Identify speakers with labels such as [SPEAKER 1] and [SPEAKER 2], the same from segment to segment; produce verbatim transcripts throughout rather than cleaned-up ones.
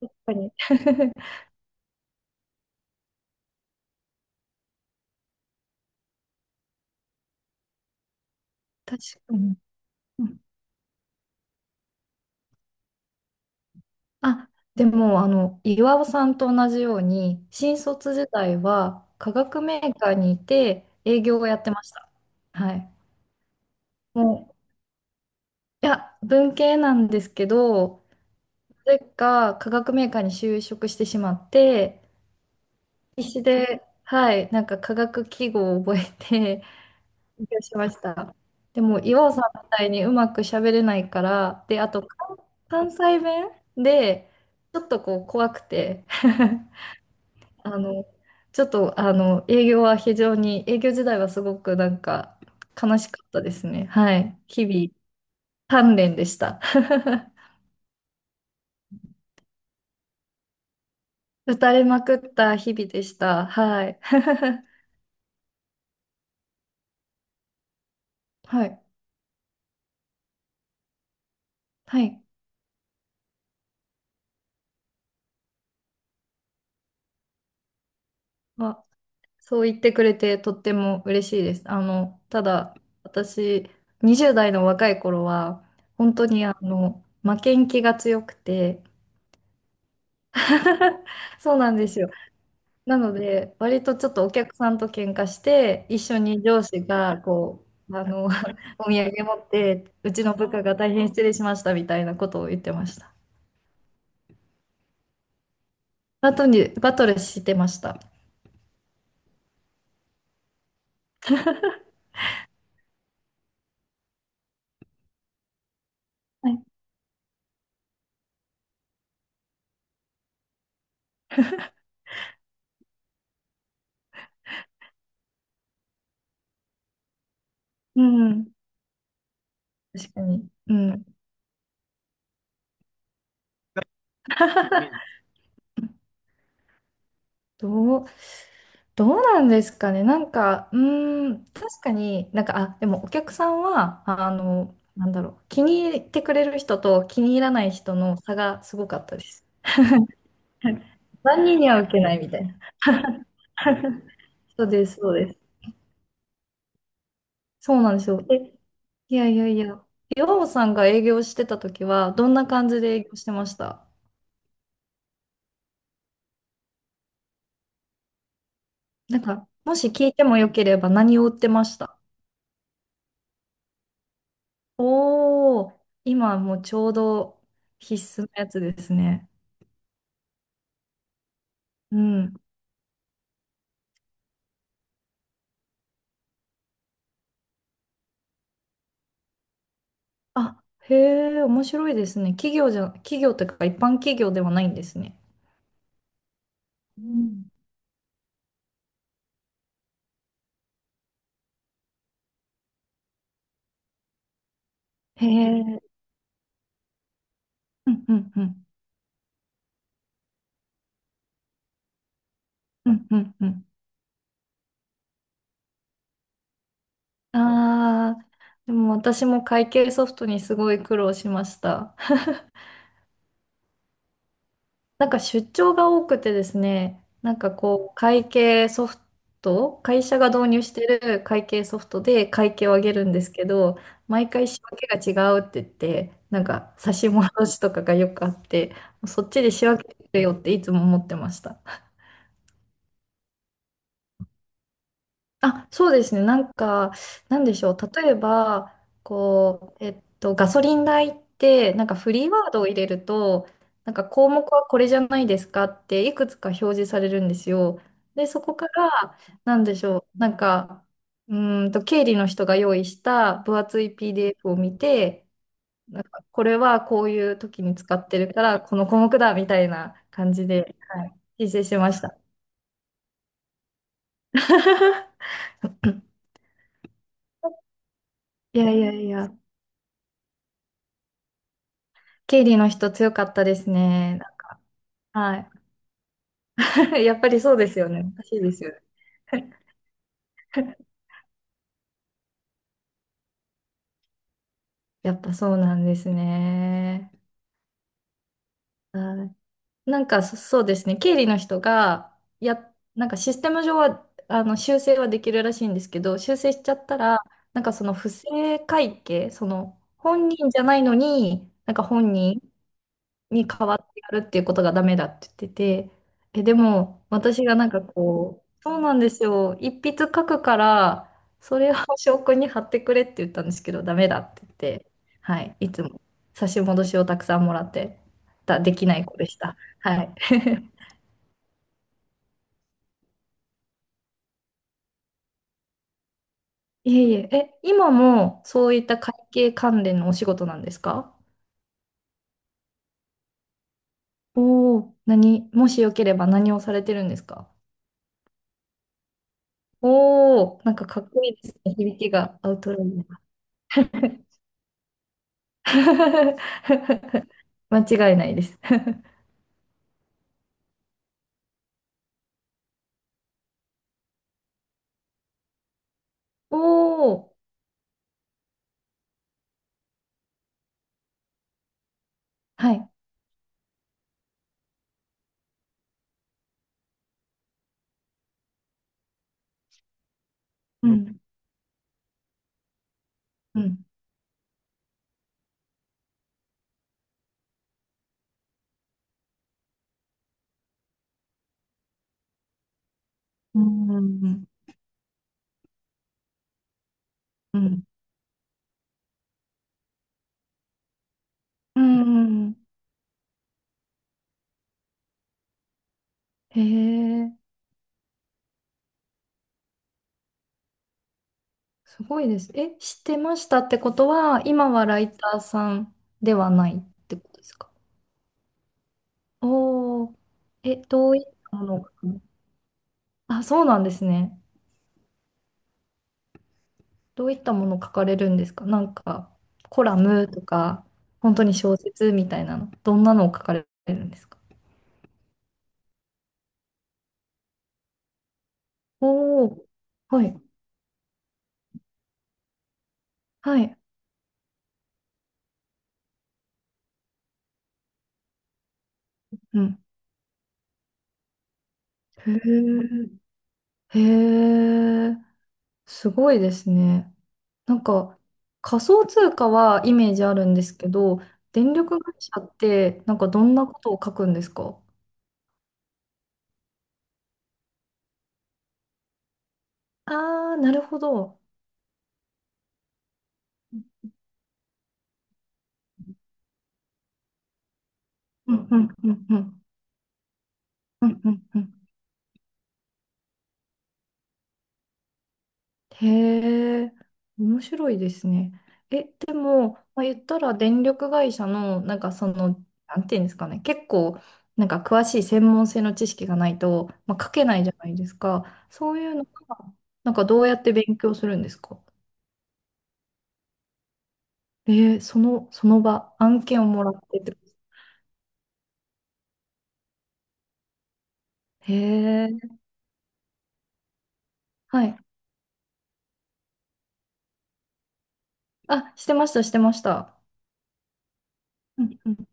[SPEAKER 1] 確かに。確かに。うん。あ、でも、あの、岩尾さんと同じように、新卒時代は化学メーカーにいて営業をやってました。はい。もう、いや、文系なんですけど、なぜか化学メーカーに就職してしまって、必死で、はい、なんか化学記号を覚えて勉強しました。でも、岩尾さんみたいにうまく喋れないから、で、あと、関関西弁で、ちょっとこう、怖くて、あの、ちょっと、あの、営業は非常に、営業時代はすごくなんか、悲しかったですね。はい。日々、鍛錬でした。打たれまくった日々でした。はい。はい。はい。あそう言ってくれてとっても嬉しいです。あの、ただ、私、にじゅうだい代の若い頃は、本当にあの、負けん気が強くて、そうなんですよ。なので、割とちょっとお客さんと喧嘩して、一緒に上司が、こう、あの、お土産持って、うちの部下が大変失礼しましたみたいなことを言ってました。バトに、バトルしてました。はい。うん。確かに。うん。どう、どうなんですかね。なんか、うーん、確かになんか、あ、でもお客さんは、あの、なんだろう、気に入ってくれる人と気に入らない人の差がすごかったです。はい。万人には受けないみたいな。そうです、そうです。そうなんですよ。え、いやいやいや、岩尾さんが営業してた時は、どんな感じで営業してました？なんか、もし聞いてもよければ何を売ってました？おー、今もうちょうど必須のやつですね。うん。あ、へえ、面白いですね。企業じゃ、企業というか一般企業ではないんですね。うん。へえ、うんうんうん、うんうんうん。ああ、でも私も会計ソフトにすごい苦労しました。なんか出張が多くてですね、なんかこう、会計ソフト、会社が導入してる会計ソフトで会計を上げるんですけど、毎回仕分けが違うって言って、なんか差し戻しとかがよくあって、そっちで仕分けてくれよっていつも思ってました。あ、そうですね。なんか、なんでしょう。例えば、こう、えっと、ガソリン代って、なんかフリーワードを入れると、なんか項目はこれじゃないですかって、いくつか表示されるんですよ。で、そこから、なんでしょう。なんか、うーんと、経理の人が用意した分厚い ピーディーエフ を見て、なんか、これはこういう時に使ってるから、この項目だ、みたいな感じで、はい、申請しました。いやいやいや。経理の人強かったですね。なんか、はい。やっぱりそうですよね。おかしいですよね。やっぱそうなんですね。はい。なんかそ、そうですね。経理の人が、や、なんかシステム上は、あの、修正はできるらしいんですけど、修正しちゃったら、なんかその不正会計、その、本人じゃないのに、なんか本人に変わってやるっていうことがダメだって言ってて、え、でも私がなんかこう、そうなんですよ、一筆書くから、それを 証拠に貼ってくれって言ったんですけど、ダメだって言って、はい、いつも差し戻しをたくさんもらってた、できない子でした。はい。いえいえ、え、今もそういった会計関連のお仕事なんですか？おおー、何、もしよければ何をされてるんですか？おおー、なんかかっこいいですね、響きがアウトライン。間違いないです。おお。はい。うん。うん。うん。うん。うん。へえ、すごいです。え、知ってましたってことは、今はライターさんではないってことですか？おおー、え、どういったものを書く？あ、そうなんですね。どういったものを書かれるんですか？なんか、コラムとか、本当に小説みたいなの、どんなのを書かれるんですか？おおー、はい、はい。うん。へえ、へえ、すごいですね。なんか、仮想通貨はイメージあるんですけど、電力会社って、なんかどんなことを書くんですか？ああー、なるほど。うんうんうんうん。うんうんうん。へえ、面白いですね。え、でも、まあ、言ったら電力会社の、なんかその、なんていうんですかね、結構、なんか詳しい専門性の知識がないと、まあ、書けないじゃないですか。そういうのが、なんかどうやって勉強するんですか？えー、その、その場、案件をもらってってことですか？へえ、はい。あ、してました、してました。うんうん。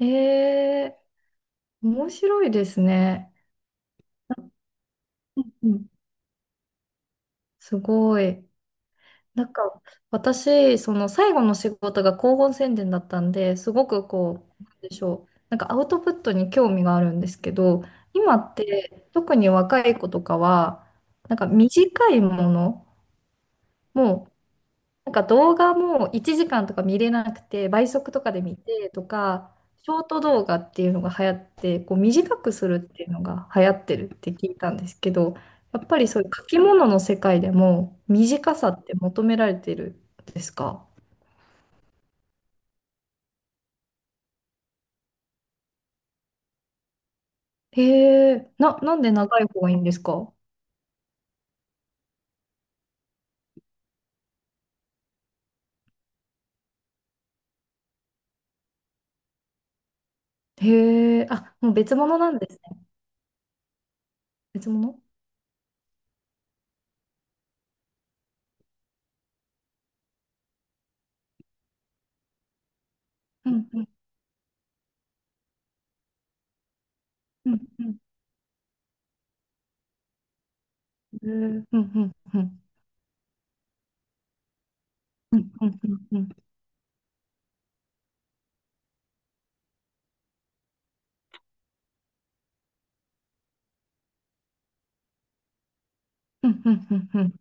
[SPEAKER 1] えー面白いですね。うんうん。すごい。なんか私、その最後の仕事が広報宣伝だったんで、すごくこう、なんでしょう、なんかアウトプットに興味があるんですけど、今って特に若い子とかは、なんか短いもの、もなんか動画もいちじかんとか見れなくて、倍速とかで見てとか、ショート動画っていうのが流行って、こう短くするっていうのが流行ってるって聞いたんですけど、やっぱりそういう書き物の世界でも短さって求められてるんですか？へえ、な、なんで長い方がいいんですか？へえ、あ、もう別物なんですね。別物。うんうんうんうんうんうんうんうんうんうんうんうんうんうんうんうん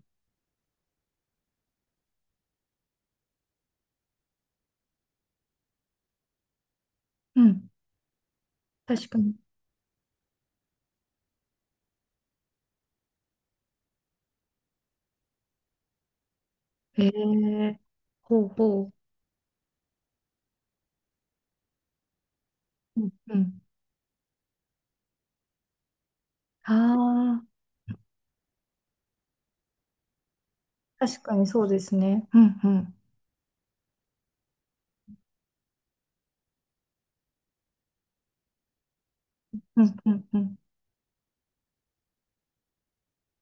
[SPEAKER 1] うん。確かに。へえ、ほうほう。うんうん。ああ、確かにそうですね。うんうん。うんうんうん。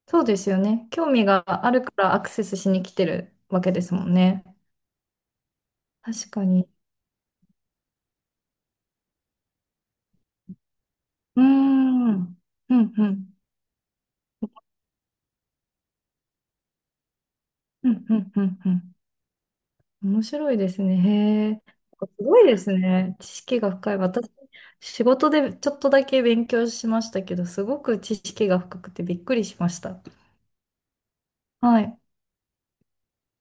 [SPEAKER 1] そうですよね。興味があるからアクセスしに来てるわけですもんね。確かに。うーん。うんうんうんうんうんうん。面白いですね。へえ。すごいですね。知識が深い。私、仕事でちょっとだけ勉強しましたけど、すごく知識が深くてびっくりしました。はい。